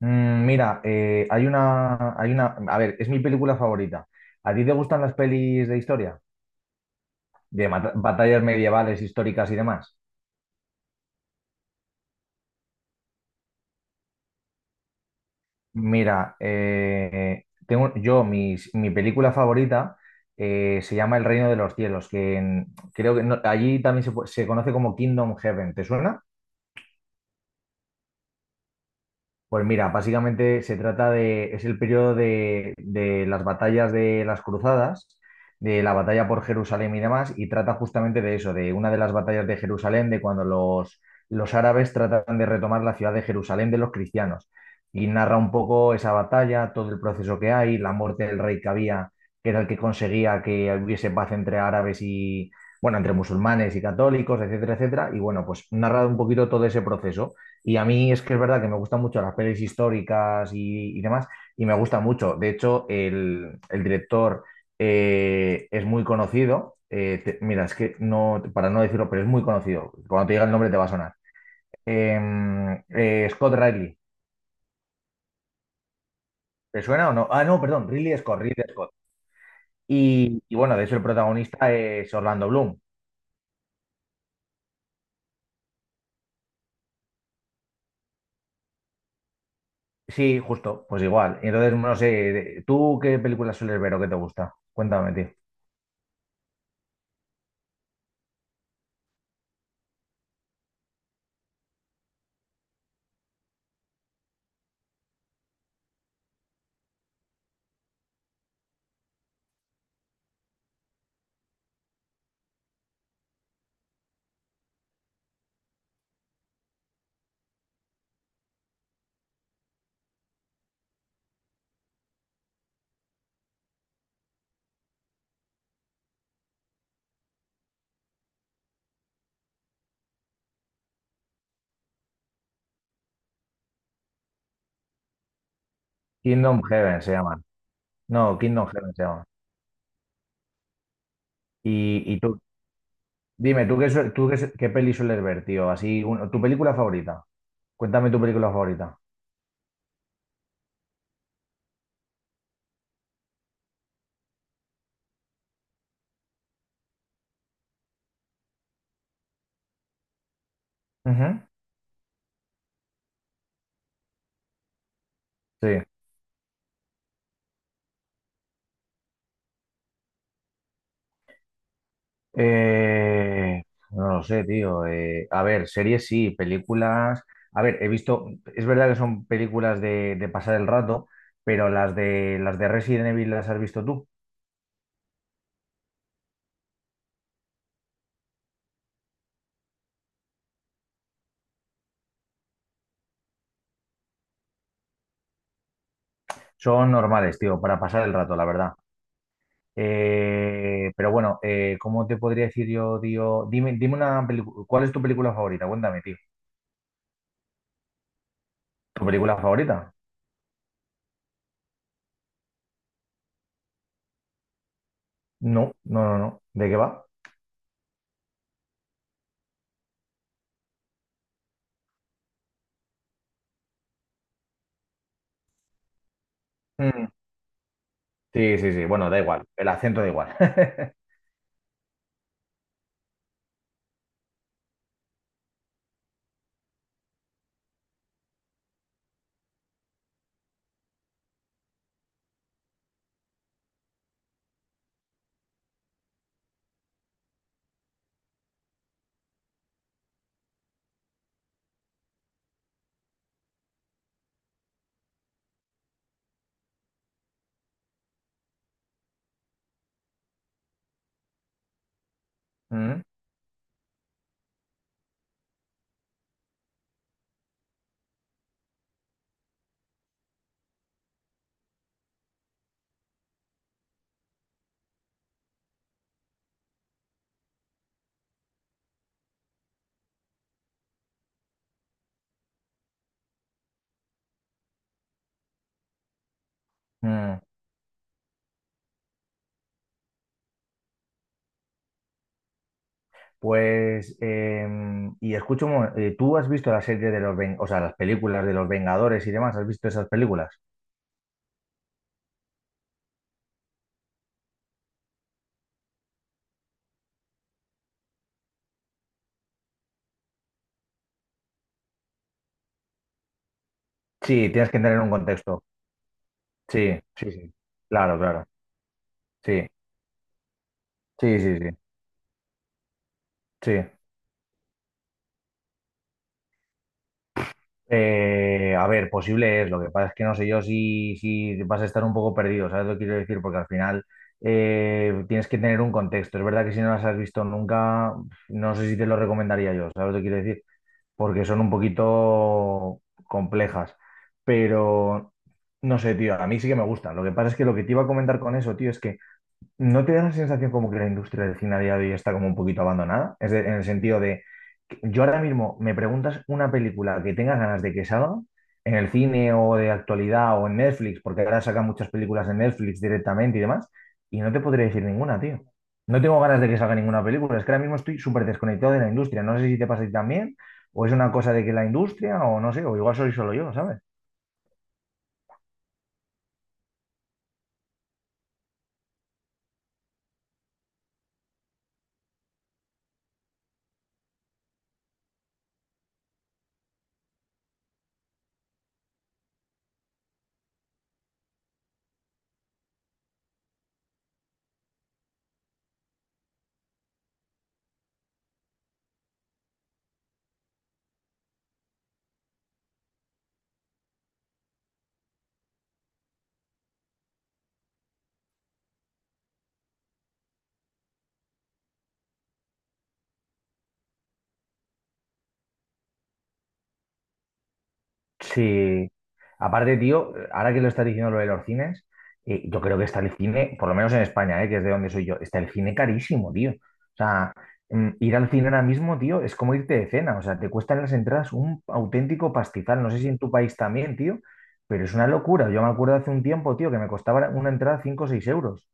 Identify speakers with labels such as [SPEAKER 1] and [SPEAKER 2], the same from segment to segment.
[SPEAKER 1] Mira, a ver, es mi película favorita. ¿A ti te gustan las pelis de historia? De batallas medievales, históricas y demás. Mira, tengo yo, mi película favorita, se llama El Reino de los Cielos, creo que no- allí también se conoce como Kingdom Heaven. ¿Te suena? Pues mira, básicamente se trata de, es el periodo de las batallas de las cruzadas, de la batalla por Jerusalén y demás, y trata justamente de eso, de una de las batallas de Jerusalén, de cuando los árabes tratan de retomar la ciudad de Jerusalén de los cristianos. Y narra un poco esa batalla, todo el proceso que hay, la muerte del rey que había, que era el que conseguía que hubiese paz entre árabes y, bueno, entre musulmanes y católicos, etcétera, etcétera. Y bueno, pues narra un poquito todo ese proceso. Y a mí es que es verdad que me gustan mucho las pelis históricas y demás, y me gusta mucho. De hecho, el director es muy conocido. Mira, es que no, para no decirlo, pero es muy conocido. Cuando te diga el nombre te va a sonar. Scott Riley. ¿Te suena o no? Ah, no, perdón, Ridley Scott, Ridley Scott. Y bueno, de hecho el protagonista es Orlando Bloom. Sí, justo, pues igual. Y entonces, no sé, ¿tú qué películas sueles ver o qué te gusta? Cuéntame, tío. Kingdom Heaven se llaman. No, Kingdom Heaven se llaman. Y tú, dime, ¿ qué peli sueles ver, tío? Así, tu película favorita. Cuéntame tu película favorita. Ujú. Sí. Eh, no lo sé, tío. A ver, series sí, películas. A ver, he visto, es verdad que son películas de pasar el rato, pero las de Resident Evil las has visto tú. Son normales, tío, para pasar el rato, la verdad. Pero bueno, ¿cómo te podría decir yo, tío? Dime una película. ¿Cuál es tu película favorita? Cuéntame, tío. ¿Tu película favorita? No, no, no, no. ¿De qué va? Mm. Sí, sí, sí. Bueno, da igual. El acento da igual. Mm, mm. Pues, y escucho, ¿tú has visto la serie o sea, las películas de los Vengadores y demás? ¿Has visto esas películas? Sí, tienes que entrar en un contexto. Sí, sí, sí. Claro, claro. Sí, sí, sí, sí. Sí. A ver, posible es. Lo que pasa es que no sé yo si vas a estar un poco perdido, ¿sabes lo que quiero decir? Porque al final tienes que tener un contexto. Es verdad que si no las has visto nunca, no sé si te lo recomendaría yo, ¿sabes lo que quiero decir? Porque son un poquito complejas. Pero no sé, tío, a mí sí que me gusta. Lo que pasa es que lo que te iba a comentar con eso, tío, es que ¿no te da la sensación como que la industria del cine a día de hoy está como un poquito abandonada? En el sentido de, que yo ahora mismo me preguntas una película que tengas ganas de que salga en el cine o de actualidad o en Netflix, porque ahora sacan muchas películas en Netflix directamente y demás, y no te podría decir ninguna, tío. No tengo ganas de que salga ninguna película, es que ahora mismo estoy súper desconectado de la industria, no sé si te pasa a ti también, o es una cosa de que la industria, o no sé, o igual soy solo yo, ¿sabes? Sí. Aparte, tío, ahora que lo está diciendo lo de los cines, yo creo que está el cine, por lo menos en España, que es de donde soy yo, está el cine carísimo, tío. O sea, ir al cine ahora mismo, tío, es como irte de cena. O sea, te cuestan las entradas un auténtico pastizal. No sé si en tu país también, tío, pero es una locura. Yo me acuerdo hace un tiempo, tío, que me costaba una entrada 5 o 6 euros.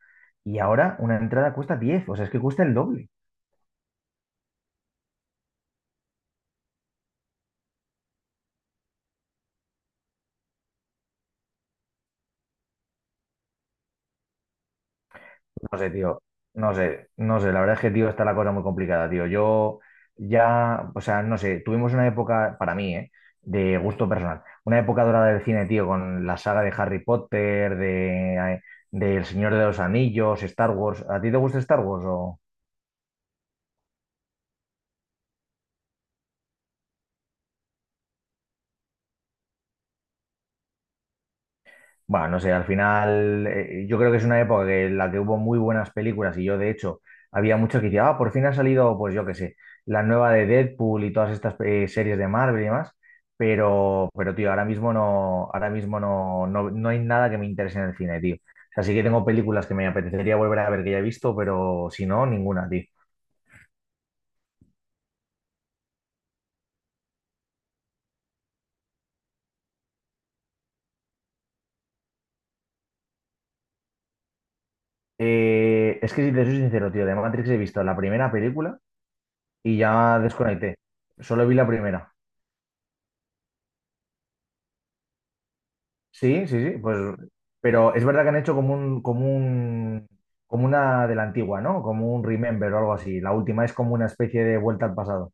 [SPEAKER 1] Y ahora una entrada cuesta 10. O sea, es que cuesta el doble. No sé, tío. No sé, no sé. La verdad es que, tío, está la cosa muy complicada, tío. Yo ya, o sea, no sé, tuvimos una época, para mí, ¿eh? De gusto personal. Una época dorada del cine, tío, con la saga de Harry Potter, de El Señor de los Anillos, Star Wars. ¿A ti te gusta Star Wars o? Bueno, no sé, al final yo creo que es una época en la que hubo muy buenas películas y yo de hecho había mucho que decía, ah, por fin ha salido, pues yo qué sé, la nueva de Deadpool y todas estas series de Marvel y demás, pero tío, ahora mismo no, no, no hay nada que me interese en el cine, tío. O sea, sí que tengo películas que me apetecería volver a ver que ya he visto, pero si no, ninguna, tío. Es que si te soy sincero, tío, de Matrix he visto la primera película y ya desconecté. Solo vi la primera. Sí, sí, sí, pues, pero es verdad que han hecho como una de la antigua, ¿no? Como un remember o algo así. La última es como una especie de vuelta al pasado.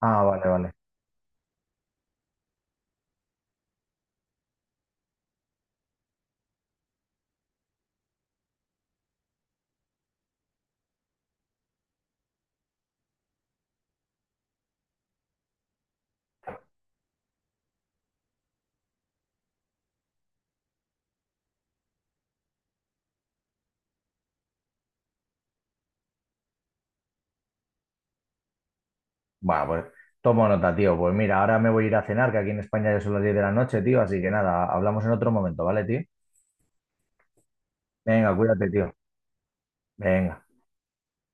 [SPEAKER 1] Ah, vale, vale. Bueno, pues tomo nota, tío. Pues mira, ahora me voy a ir a cenar, que aquí en España ya son las 10 de la noche, tío. Así que nada, hablamos en otro momento, ¿vale, tío? Venga, cuídate, tío. Venga.